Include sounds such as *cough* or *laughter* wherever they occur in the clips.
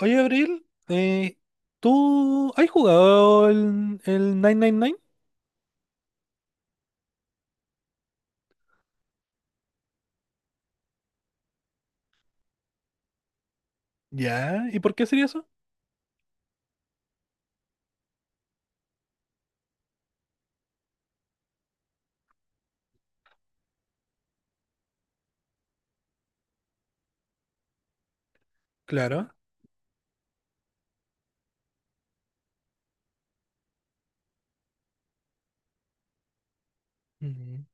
Oye, Abril, ¿tú has jugado el 999? Ya, ¿y por qué sería eso? Claro. Ujú.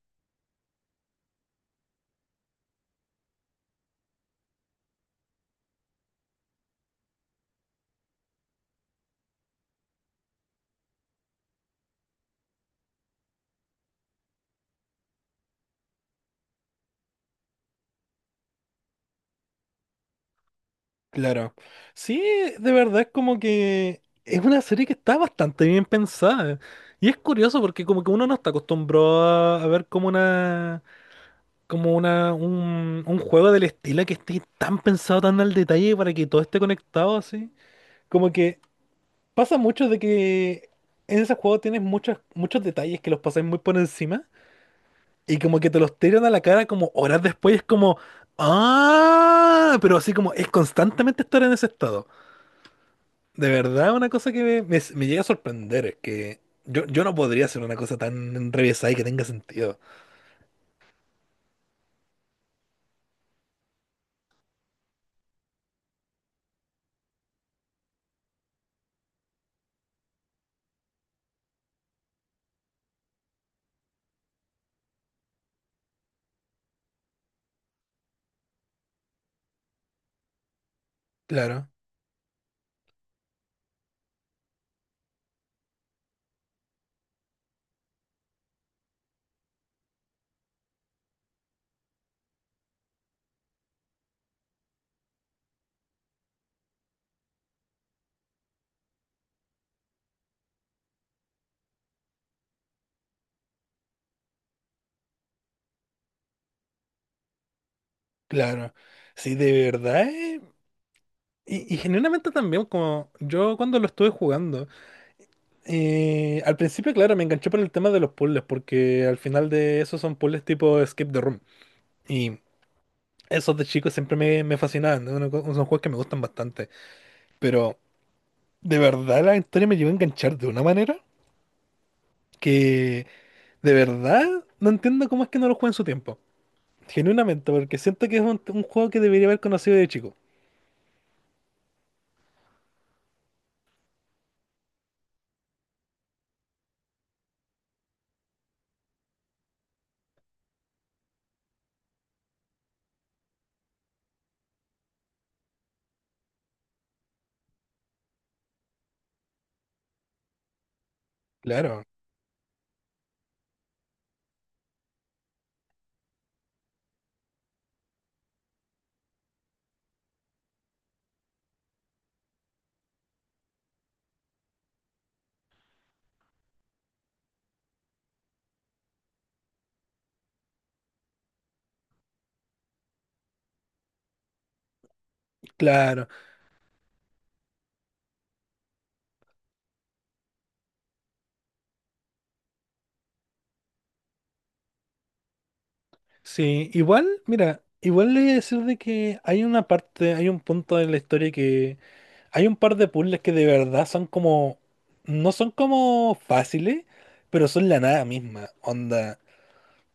Claro. Sí, de verdad es como que es una serie que está bastante bien pensada. Y es curioso porque como que uno no está acostumbrado a ver como un juego del estilo que esté tan pensado, tan al detalle para que todo esté conectado así. Como que pasa mucho de que en ese juego tienes muchos detalles que los pasáis muy por encima y como que te los tiran a la cara como horas después, es como, ah, pero así como es constantemente estar en ese estado. De verdad, una cosa que me llega a sorprender es que yo no podría hacer una cosa tan revesada y que tenga sentido. Claro, claro. Sí, de verdad. Y genuinamente también, como yo cuando lo estuve jugando. Al principio, claro, me enganché por el tema de los puzzles, porque al final de esos son puzzles tipo Skip the Room. Y esos de chicos siempre me fascinaban, ¿no? Son juegos que me gustan bastante. Pero de verdad la historia me llegó a enganchar de una manera que de verdad no entiendo cómo es que no lo jugué en su tiempo. Genuinamente, porque siento que es un juego que debería haber conocido de chico. Claro, claro. Sí, igual, mira, igual le voy a decir de que hay una parte, hay un punto en la historia que hay un par de puzzles que de verdad son como, no son como fáciles, pero son la nada misma. Onda,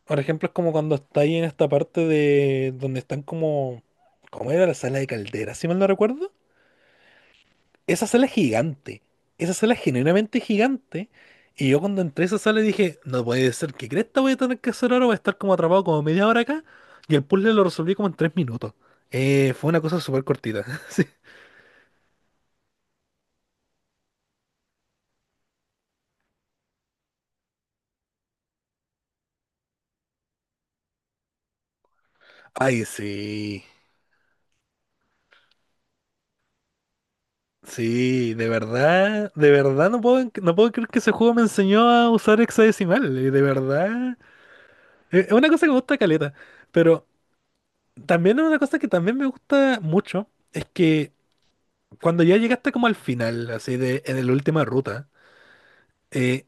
por ejemplo, es como cuando estáis en esta parte de donde están como, ¿cómo era la sala de caldera, si mal no recuerdo? Esa sala es gigante, esa sala es genuinamente gigante. Y yo cuando entré a esa sala dije, no puede ser, ¿qué cresta voy a tener que hacer ahora? Voy a estar como atrapado como media hora acá. Y el puzzle lo resolví como en tres minutos. Fue una cosa súper cortita. *laughs* Sí. Ay, sí. Sí, de verdad no puedo, no puedo creer que ese juego me enseñó a usar hexadecimal, de verdad. Es una cosa que me gusta caleta, pero también es una cosa que también me gusta mucho, es que cuando ya llegaste como al final, así de en la última ruta, eh,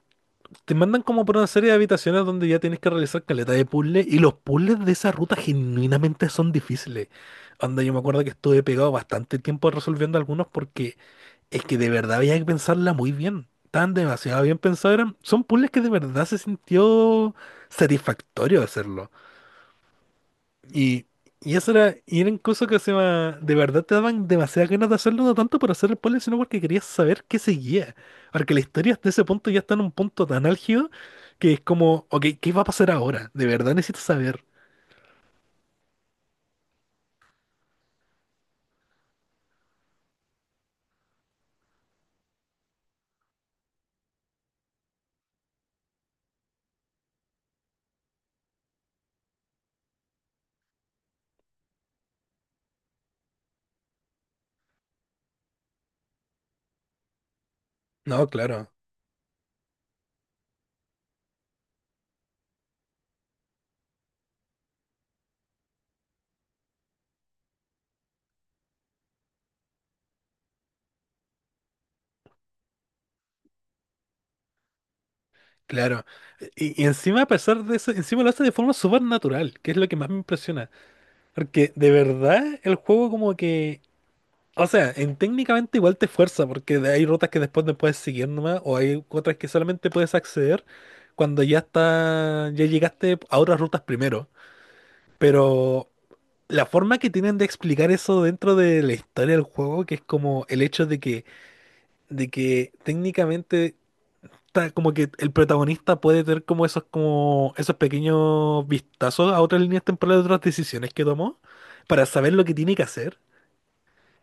te mandan como por una serie de habitaciones donde ya tienes que realizar caleta de puzzles y los puzzles de esa ruta genuinamente son difíciles. Anda, yo me acuerdo que estuve pegado bastante tiempo resolviendo algunos porque es que de verdad había que pensarla muy bien. Tan demasiado bien pensados eran. Son puzzles que de verdad se sintió satisfactorio hacerlo. Y, y eso era, y eran cosas que de verdad te daban demasiadas ganas de hacerlo, no tanto por hacer el puzzle, sino porque querías saber qué seguía. Porque la historia hasta ese punto ya está en un punto tan álgido que es como, ok, ¿qué va a pasar ahora? De verdad necesito saber. No, claro, claro. Y encima, a pesar de eso, encima lo hace de forma súper natural, que es lo que más me impresiona. Porque de verdad el juego como que... O sea, en técnicamente igual te fuerza porque hay rutas que después no puedes seguir nomás, o hay otras que solamente puedes acceder cuando ya está, ya llegaste a otras rutas primero. Pero la forma que tienen de explicar eso dentro de la historia del juego, que es como el hecho de que técnicamente está como que el protagonista puede tener como esos pequeños vistazos a otras líneas temporales de otras decisiones que tomó, para saber lo que tiene que hacer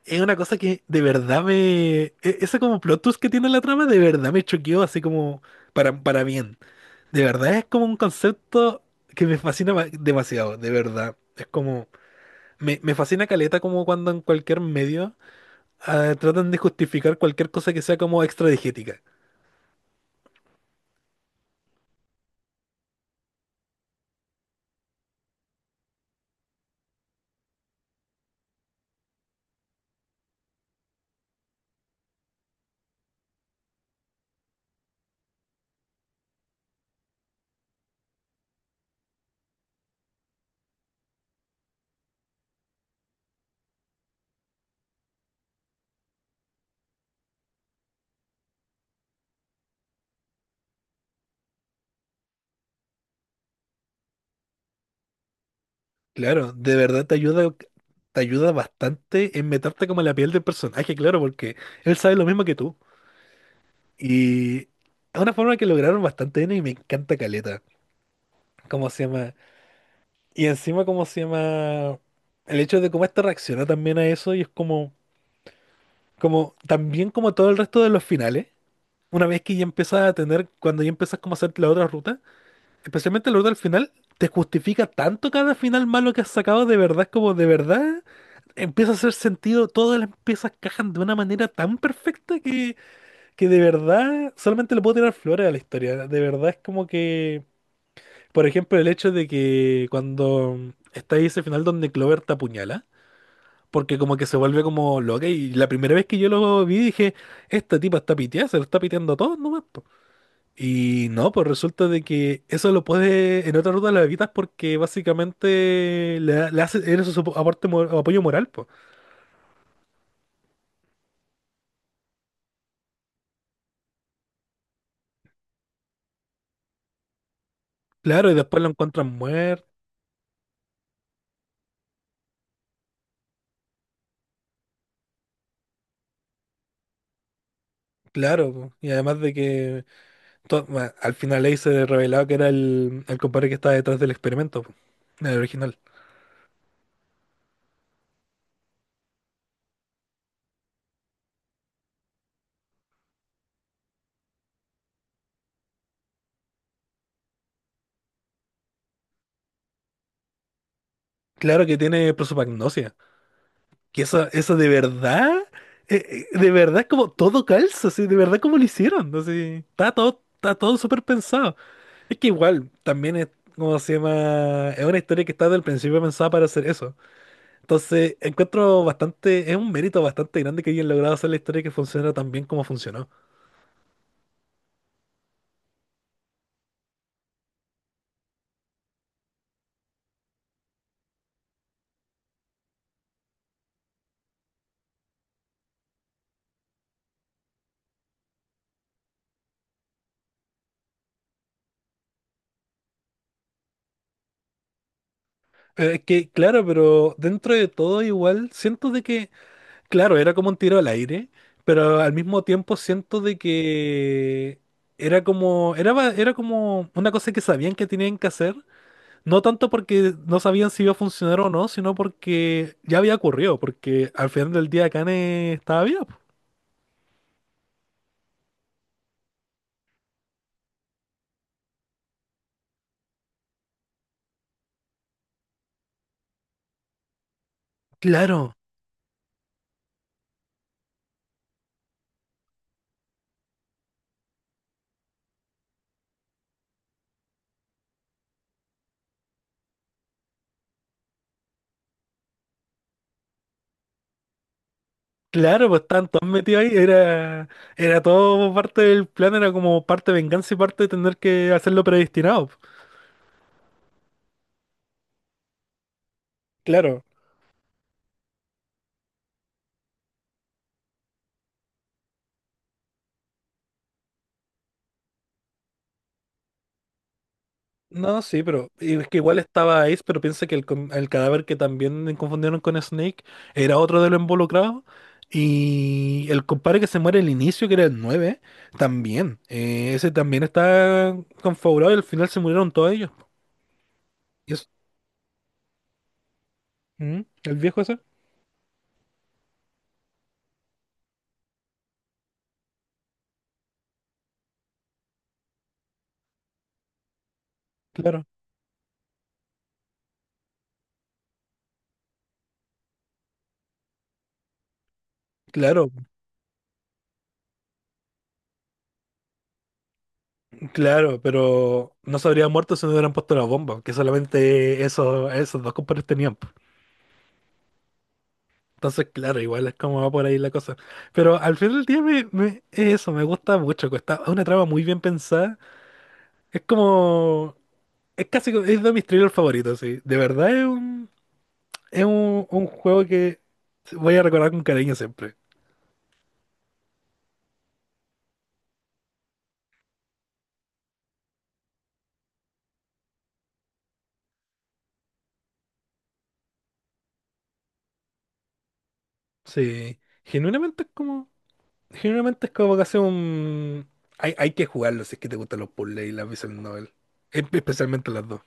es una cosa que de verdad me... Ese como plot twist que tiene la trama, de verdad me choqueó así como para bien. De verdad es como un concepto que me fascina demasiado, de verdad. Es como... Me fascina caleta como cuando en cualquier medio ah, tratan de justificar cualquier cosa que sea como extradigética. Claro, de verdad te ayuda bastante en meterte como en la piel del personaje, claro, porque él sabe lo mismo que tú. Y es una forma que lograron bastante bien y me encanta caleta. ¿Cómo se llama? Y encima, ¿cómo se llama? El hecho de cómo esta reacciona también a eso y es como, como, también como todo el resto de los finales, una vez que ya empiezas a tener, cuando ya empiezas como a hacer la otra ruta, especialmente la ruta del final, te justifica tanto cada final malo que has sacado, de verdad, es como de verdad, empieza a hacer sentido, todas las piezas cajan de una manera tan perfecta que de verdad solamente le puedo tirar flores a la historia, de verdad es como que... Por ejemplo, el hecho de que cuando está ahí ese final donde Clover te apuñala, porque como que se vuelve como loca y la primera vez que yo lo vi dije, esta tipa está piteada, se lo está piteando a todos nomás, po". Y no, pues resulta de que eso lo puede, en otra ruta lo evitas porque básicamente le hace, eres su aporte, o apoyo moral, pues. Claro, y después lo encuentran muerto. Claro, po. Y además de que bueno, al final ahí se revelaba que era el compadre que estaba detrás del experimento, po, el original. Claro que tiene prosopagnosia. Que eso de verdad como todo calza, así, de verdad como lo hicieron, así, está todo súper pensado. Es que igual, también es, como se llama? Es una historia que está desde el principio pensada para hacer eso. Entonces, encuentro bastante, es un mérito bastante grande que hayan logrado hacer la historia que funciona tan bien como funcionó. Es que, claro, pero dentro de todo igual, siento de que... Claro, era como un tiro al aire, pero al mismo tiempo siento de que era como, era como una cosa que sabían que tenían que hacer, no tanto porque no sabían si iba a funcionar o no, sino porque ya había ocurrido, porque al final del día Kane estaba vivo. Claro, claro, pues estaban todos metidos ahí, era, era todo parte del plan, era como parte venganza y parte de tener que hacerlo predestinado. Claro. No, sí, pero y es que igual estaba Ace, pero piensa que el cadáver que también confundieron con Snake era otro de los involucrados. Y el compadre que se muere al inicio, que era el 9 también. Ese también está configurado y al final se murieron todos ellos. Y eso- ¿Mm? ¿El viejo ese? Claro, claro, claro, pero no se habría muerto si no hubieran puesto la bomba, que solamente esos, esos dos compadres tenían. Entonces, claro, igual es como va por ahí la cosa. Pero al final del día es eso, me gusta mucho. Que está es una trama muy bien pensada. Es como... Es casi... Es de mis thrillers favoritos, sí. De verdad es un juego que voy a recordar con cariño siempre. Sí. Genuinamente es como... Genuinamente es como casi un... Hay que jugarlo si es que te gustan los puzzles y las visual novel. Especialmente las dos.